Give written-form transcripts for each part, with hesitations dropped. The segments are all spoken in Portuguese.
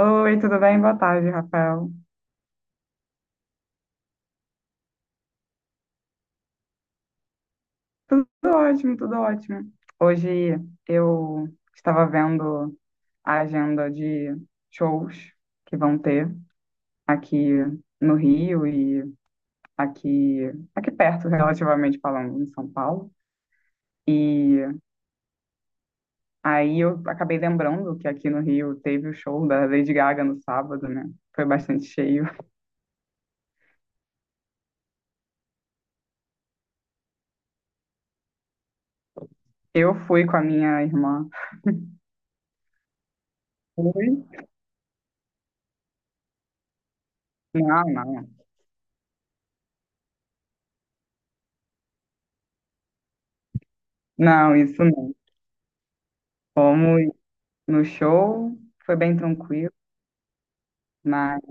Oi, tudo bem? Boa tarde, Rafael. Tudo ótimo, tudo ótimo. Hoje eu estava vendo a agenda de shows que vão ter aqui no Rio e aqui, aqui perto, relativamente falando, em São Paulo. E aí eu acabei lembrando que aqui no Rio teve o show da Lady Gaga no sábado, né? Foi bastante cheio. Eu fui com a minha irmã. Fui? Não, não. Não, isso não. Fomos no show, foi bem tranquilo, mas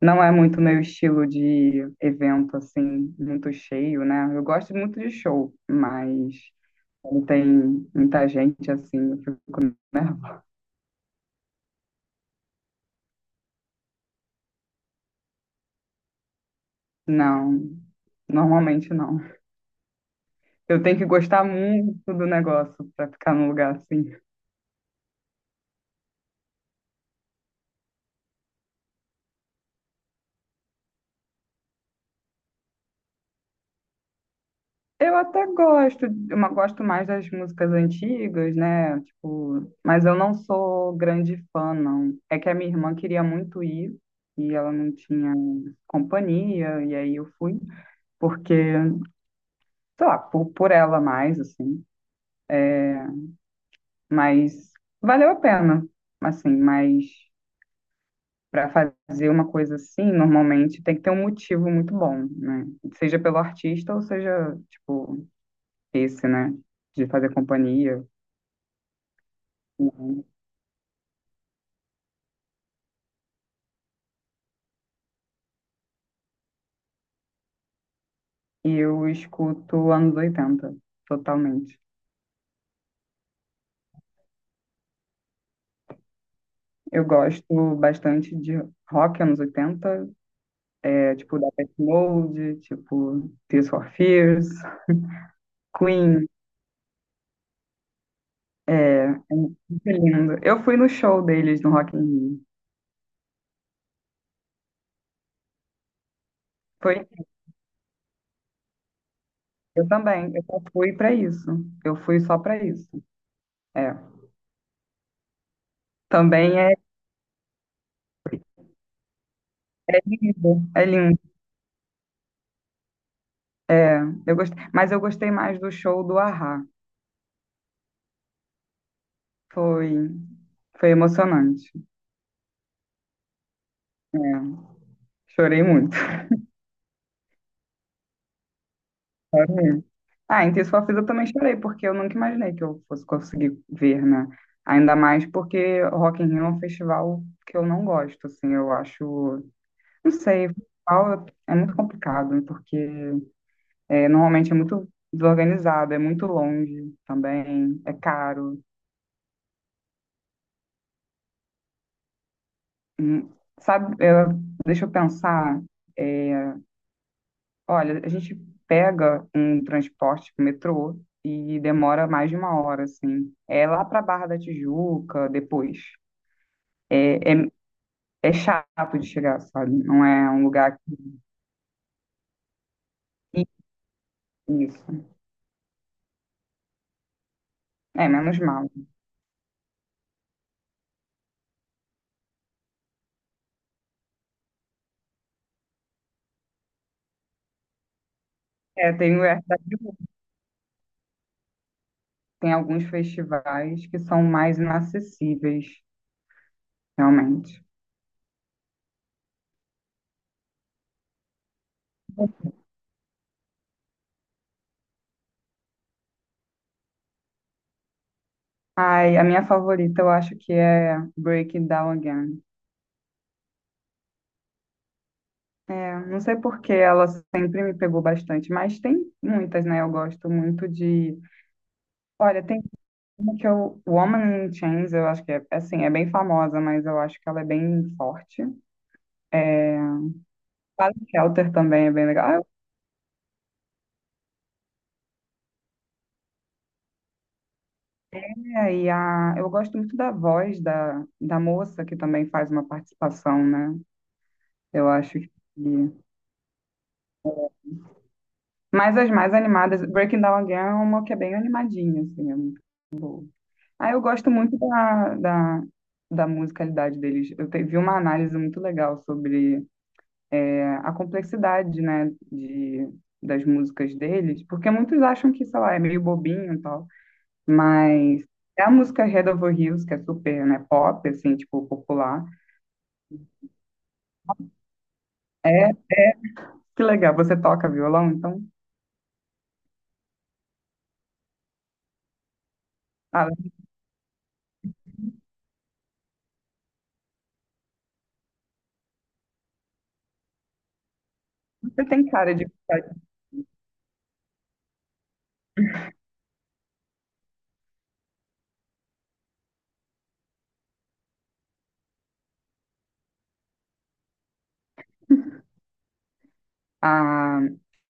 não é muito meu estilo de evento, assim, muito cheio, né? Eu gosto muito de show, mas quando tem muita gente, assim, eu fico nervosa. Não, normalmente não. Eu tenho que gostar muito do negócio para ficar num lugar assim. Eu até gosto, eu gosto mais das músicas antigas, né? Tipo, mas eu não sou grande fã, não. É que a minha irmã queria muito ir e ela não tinha companhia, e aí eu fui, porque, sei lá, por ela mais, assim. É, mas valeu a pena, assim, mas para fazer uma coisa assim, normalmente tem que ter um motivo muito bom, né? Seja pelo artista ou seja, tipo, esse, né? De fazer companhia. Uhum. E eu escuto anos 80, totalmente. Eu gosto bastante de rock anos 80, é, tipo Depeche Mode, tipo Tears for Fears, Queen, é, é muito lindo. Eu fui no show deles no Rock in Rio. Foi, eu também, eu só fui pra isso. Eu fui só pra isso. É. Também é lindo, é lindo. É, eu gostei, mas eu gostei mais do show do Ahá. Foi, foi emocionante. É, chorei muito. Ah, em Ter Sua Vida eu também chorei, porque eu nunca imaginei que eu fosse conseguir ver, né? Ainda mais porque o Rock in Rio é um festival que eu não gosto, assim, eu acho... Não sei, festival é muito complicado, porque é, normalmente é muito desorganizado, é muito longe também, é caro. Hum, Sabe, deixa eu pensar, é, olha, a gente pega um transporte, tipo, metrô, e demora mais de uma hora, assim. É lá para Barra da Tijuca, depois. É, é, é chato de chegar, sabe? Não é um lugar que isso. É, menos mal. É, tem, é, tem alguns festivais que são mais inacessíveis, realmente. Ai, a minha favorita eu acho que é Break It Down Again. É, não sei porque ela sempre me pegou bastante, mas tem muitas, né? Eu gosto muito de. Olha, tem uma que eu. Woman in Chains, eu acho que é assim, é bem famosa, mas eu acho que ela é bem forte. É... Shelter também é bem legal. Ah, é, eu gosto muito da voz da moça, que também faz uma participação, né? Eu acho que. Mas as mais animadas, Breaking Down Again é uma que é bem animadinha, assim. Ah, eu gosto muito da musicalidade deles. Vi uma análise muito legal sobre é, a complexidade, né, de, das músicas deles, porque muitos acham que, sei lá, é meio bobinho e tal, mas. É a música Head Over Heels, que é super, né, pop, assim, tipo, popular. Que legal, você toca violão, então? Ah, você tem cara de. Ah,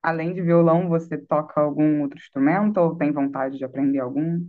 além de violão, você toca algum outro instrumento ou tem vontade de aprender algum?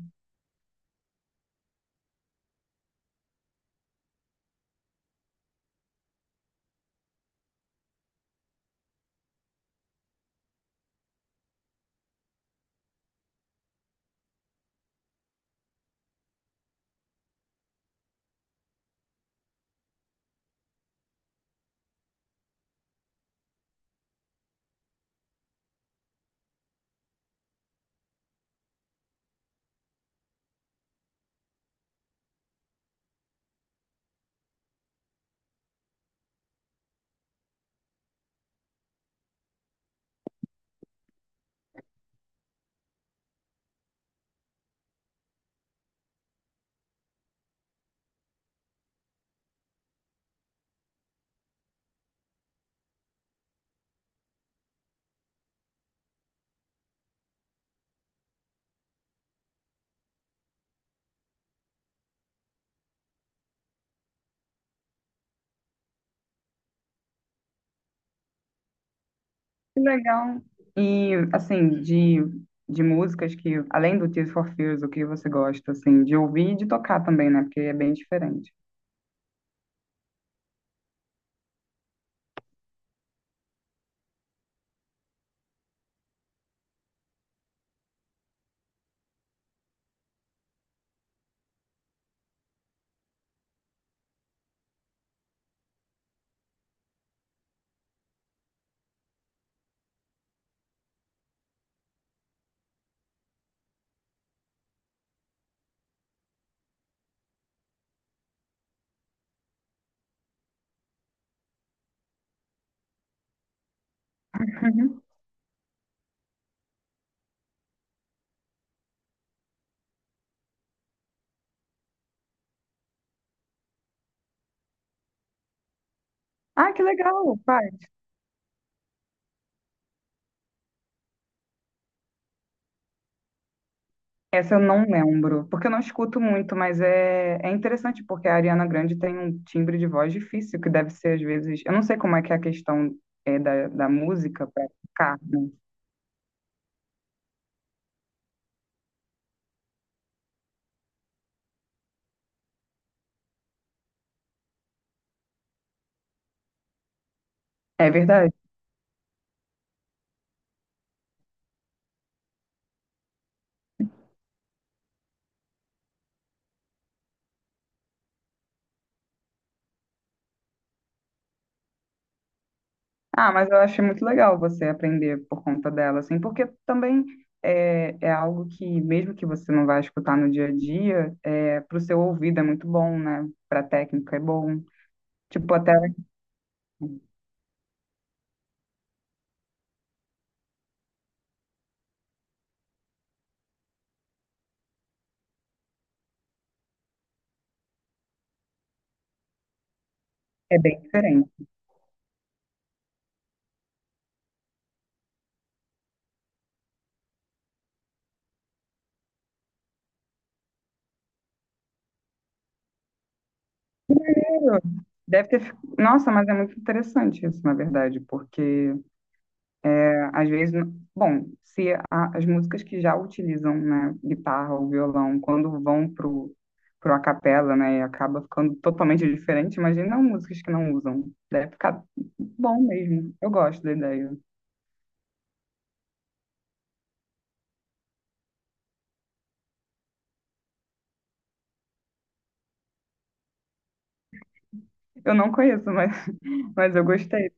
Que legal. E, assim, de músicas que, além do Tears for Fears, o que você gosta, assim, de ouvir e de tocar também, né? Porque é bem diferente. Uhum. Ah, que legal, pai. Essa eu não lembro, porque eu não escuto muito, mas é, é interessante porque a Ariana Grande tem um timbre de voz difícil, que deve ser às vezes. Eu não sei como é que é a questão é, da música para ficar, né? É verdade. Ah, mas eu achei muito legal você aprender por conta dela, assim, porque também é, é algo que, mesmo que você não vá escutar no dia a dia, é, para o seu ouvido é muito bom, né? Para técnica é bom. Tipo, até é bem diferente. Deve ter. Nossa, mas é muito interessante isso, na verdade, porque às vezes, bom, se a- as músicas que já utilizam, né, guitarra ou violão, quando vão pro, pro a capela, né, e acaba ficando totalmente diferente, imagina músicas que não usam. Deve ficar bom mesmo. Eu gosto da ideia. Eu não conheço, mas, mas eu gostei.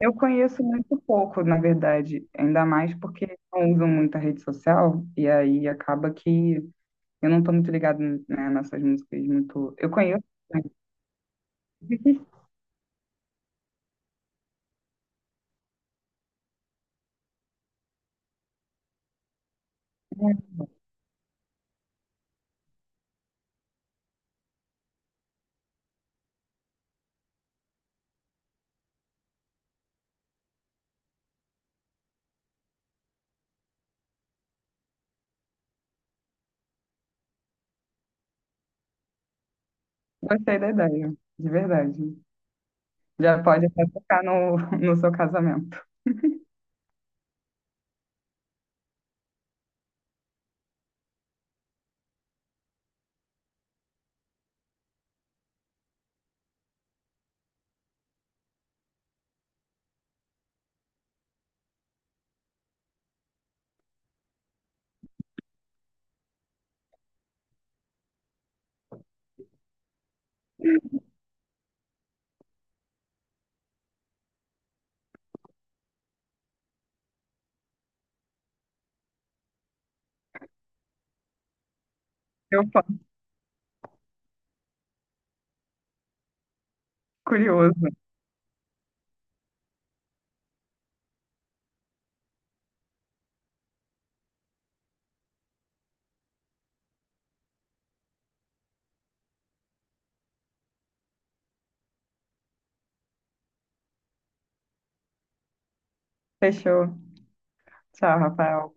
Eu conheço muito pouco, na verdade, ainda mais porque não usam muita rede social, e aí acaba que eu não tô muito ligado, né, nessas músicas muito. Eu conheço, né, gostei da ideia, de verdade. Já pode até tocar no, no seu casamento. Eu fico curioso. Fechou. Tchau, Rafael.